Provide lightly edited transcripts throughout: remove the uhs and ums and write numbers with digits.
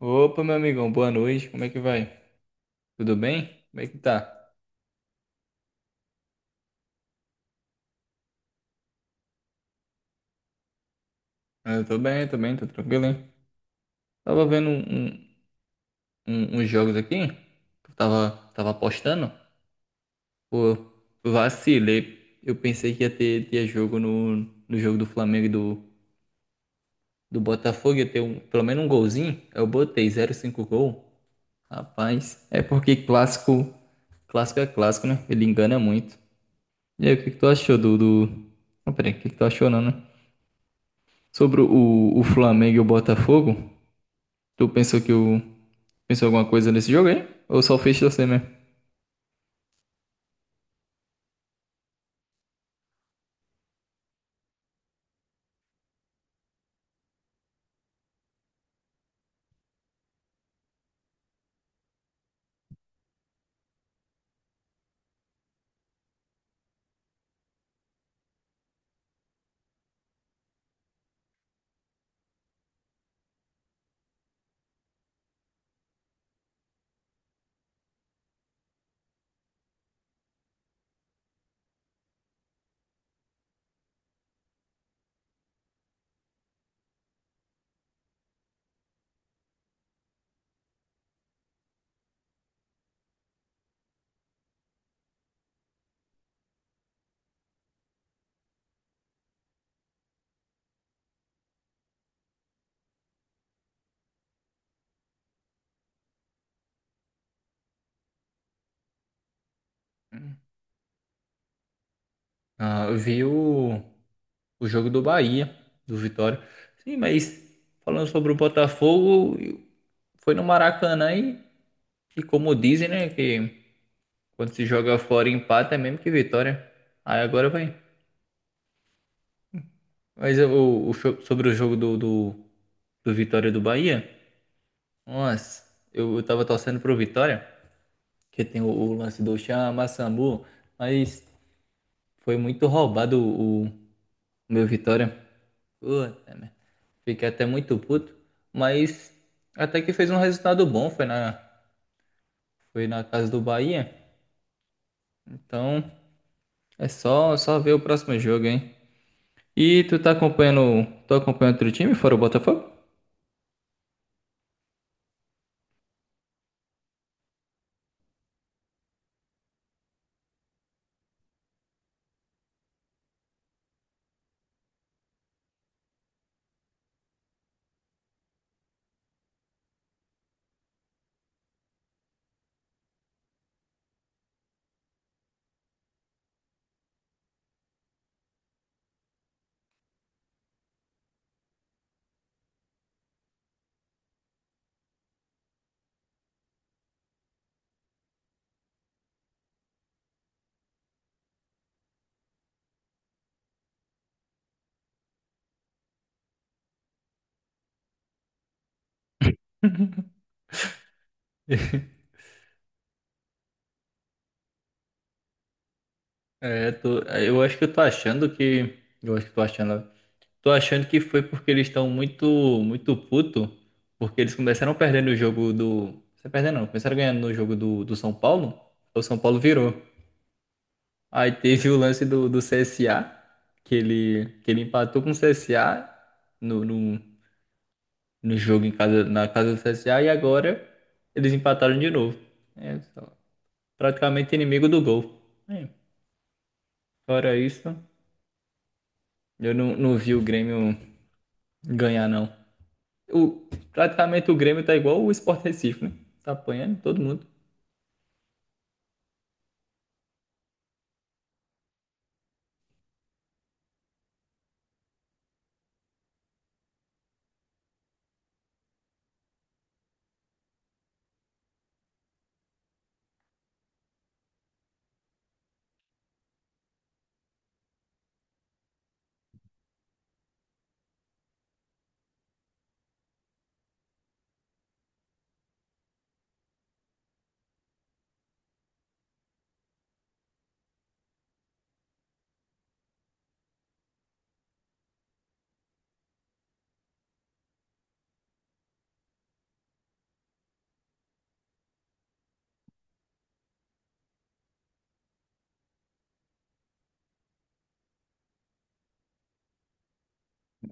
Opa, meu amigão, boa noite. Como é que vai? Tudo bem? Como é que tá? Ah, eu tô bem, tô bem, tô tranquilo, hein? Tava vendo uns jogos aqui, que eu tava apostando. Pô, vacilei. Eu pensei que ia ter jogo no jogo do Flamengo e do Botafogo, ia ter pelo menos um golzinho. Eu botei 0,5 gol. Rapaz, é porque clássico é clássico, né? Ele engana muito. E aí, o que que tu achou do... Não, peraí, o que que tu achou não, né? Sobre o Flamengo e o Botafogo, tu pensou que o pensou alguma coisa nesse jogo aí? Ou só fez você mesmo? Ah, eu vi o jogo do Bahia, do Vitória. Sim, mas falando sobre o Botafogo, foi no Maracanã e como dizem, né, que quando se joga fora e empata é mesmo que vitória. Aí agora vai. Mas sobre o jogo do Vitória do Bahia, nossa, eu tava torcendo pro Vitória, que tem o lance do Chama Sambu, mas. Foi muito roubado o meu Vitória. Puta, merda. Fiquei até muito puto. Mas até que fez um resultado bom. Foi na casa do Bahia. Então é só ver o próximo jogo, hein? E tu tá acompanhando. Tu acompanhando outro time fora o Botafogo? É, tô, eu acho que eu tô achando que. Eu acho que tô achando. Tô achando que foi porque eles estão muito, muito puto, porque eles começaram perdendo o jogo do. Você perdendo não, começaram ganhando no jogo do São Paulo. O São Paulo virou. Aí teve o lance do CSA, que ele empatou com o CSA no, no, no jogo em casa, na casa do CSA, e agora eles empataram de novo. É, praticamente inimigo do gol. É, fora isso, eu não vi o Grêmio ganhar, não. O, Praticamente o Grêmio tá igual o Sport Recife, né? Tá apanhando todo mundo.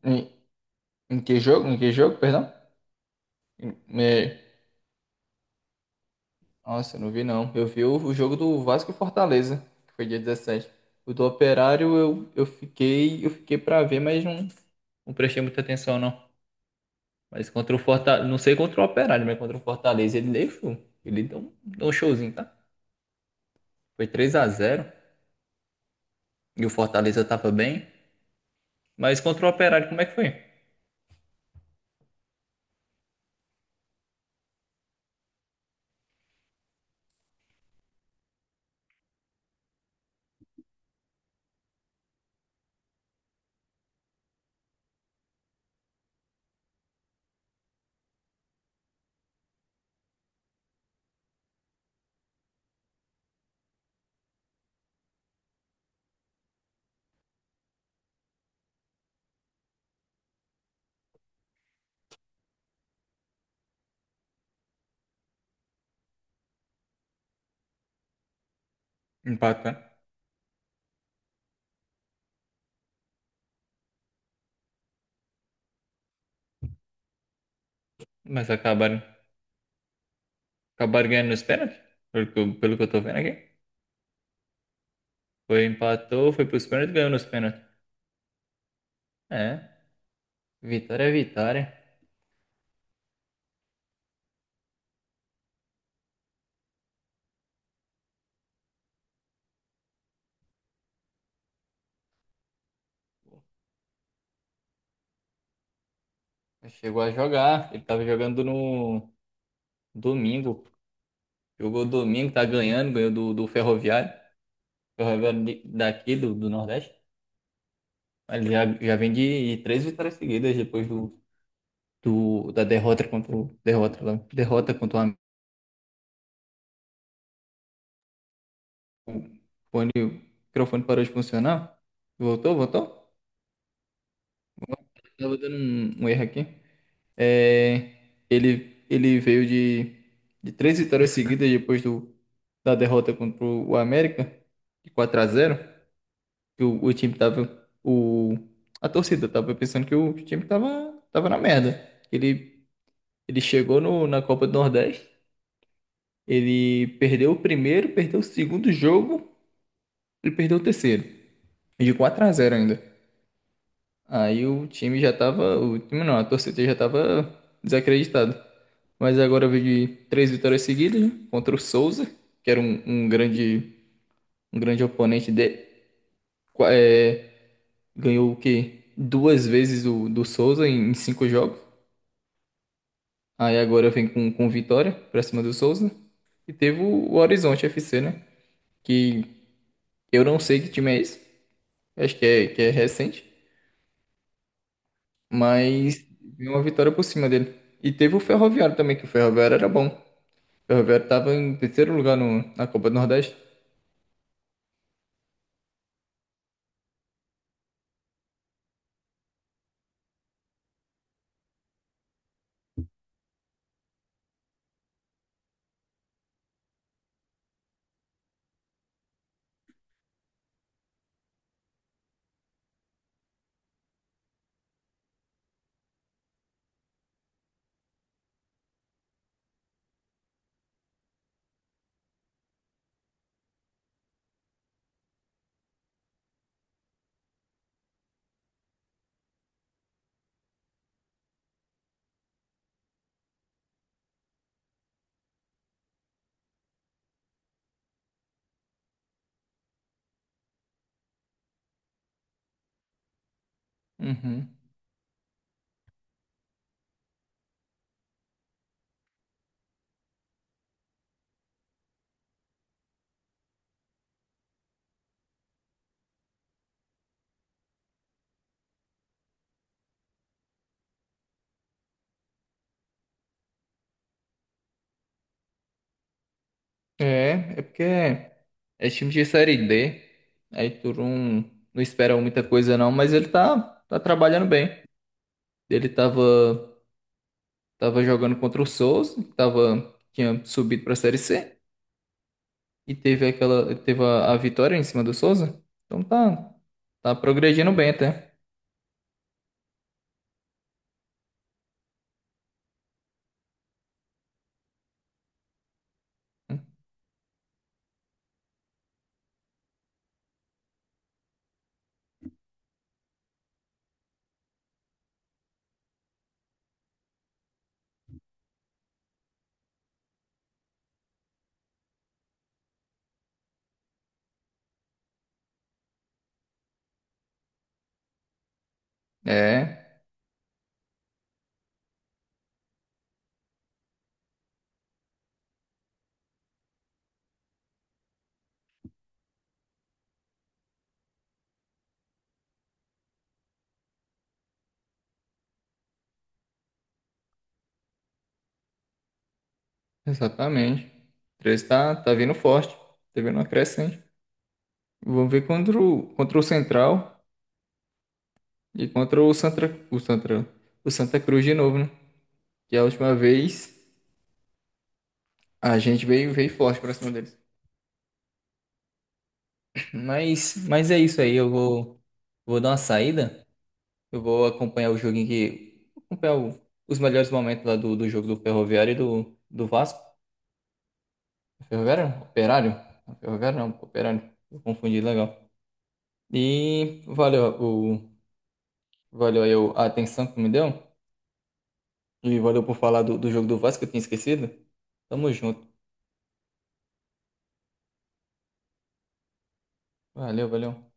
Em, Em que jogo? Em que jogo, perdão? Em- me- Nossa, eu não vi não. Eu vi o jogo do Vasco e Fortaleza, que foi dia 17. O do Operário eu fiquei pra ver, mas não prestei muita atenção não. Mas contra o Fortaleza, não sei contra o Operário, mas contra o Fortaleza ele deixou. Ele deu um showzinho, tá? Foi 3-0 e o Fortaleza tava bem. Mas contra o Operário, como é que foi? Empatando. Mas acabaram Acabaram ganhando nos pênaltis? Pelo que eu tô vendo aqui. Foi, empatou, foi pros pênaltis e ganhou nos pênaltis. É, vitória é vitória. Chegou a jogar. Ele tava jogando no domingo. Jogou domingo, tá ganhando, ganhou do Ferroviário. Ferroviário daqui, do Nordeste. Ele já vem de três vitórias seguidas depois da derrota contra o. Derrota, lá, derrota contra o. O microfone parou de funcionar. Voltou, voltou? Tava dando um erro aqui. É, ele veio de três vitórias seguidas depois do, da derrota contra o América, de 4-0, que o time tava, a torcida tava pensando que o time tava na merda. Ele, Ele chegou no, na Copa do Nordeste, ele perdeu o primeiro, perdeu o segundo jogo, ele perdeu o terceiro, e de 4-0 ainda. Aí o time já tava. O time não, a torcida já tava desacreditada. Mas agora veio de três vitórias seguidas, né? Contra o Souza, que era um grande oponente dele. É, ganhou o quê? Duas vezes do Souza em cinco jogos. Aí agora vem com vitória pra cima do Souza. E teve o Horizonte FC, né? Que eu não sei que time é esse. Acho que é, recente. Mas veio uma vitória por cima dele. E teve o Ferroviário também, que o Ferroviário era bom. O Roberto estava em terceiro lugar no, na Copa do Nordeste. Uhum. É porque é time de Série D. Aí tu não espera muita coisa não, mas ele tá trabalhando bem. Ele tava jogando contra o Souza, que tinha subido pra Série C. E teve a vitória em cima do Souza. Então tá progredindo bem até. É, exatamente. O 13 tá vindo forte. Tá vindo uma crescente. Vamos ver contra o Central. E contra o Santa, o Santa Cruz de novo, né? Que a última vez a gente veio forte pra cima deles. Mas é isso aí. Eu vou dar uma saída. Eu vou acompanhar o joguinho que. Acompanhar os melhores momentos lá do jogo do Ferroviário e do Vasco. Ferroviário? Não, Operário? Não, Ferroviário não, Operário. Eu confundi legal. E valeu, valeu aí a atenção que me deu. E valeu por falar do jogo do Vasco que eu tinha esquecido. Tamo junto. Valeu, valeu.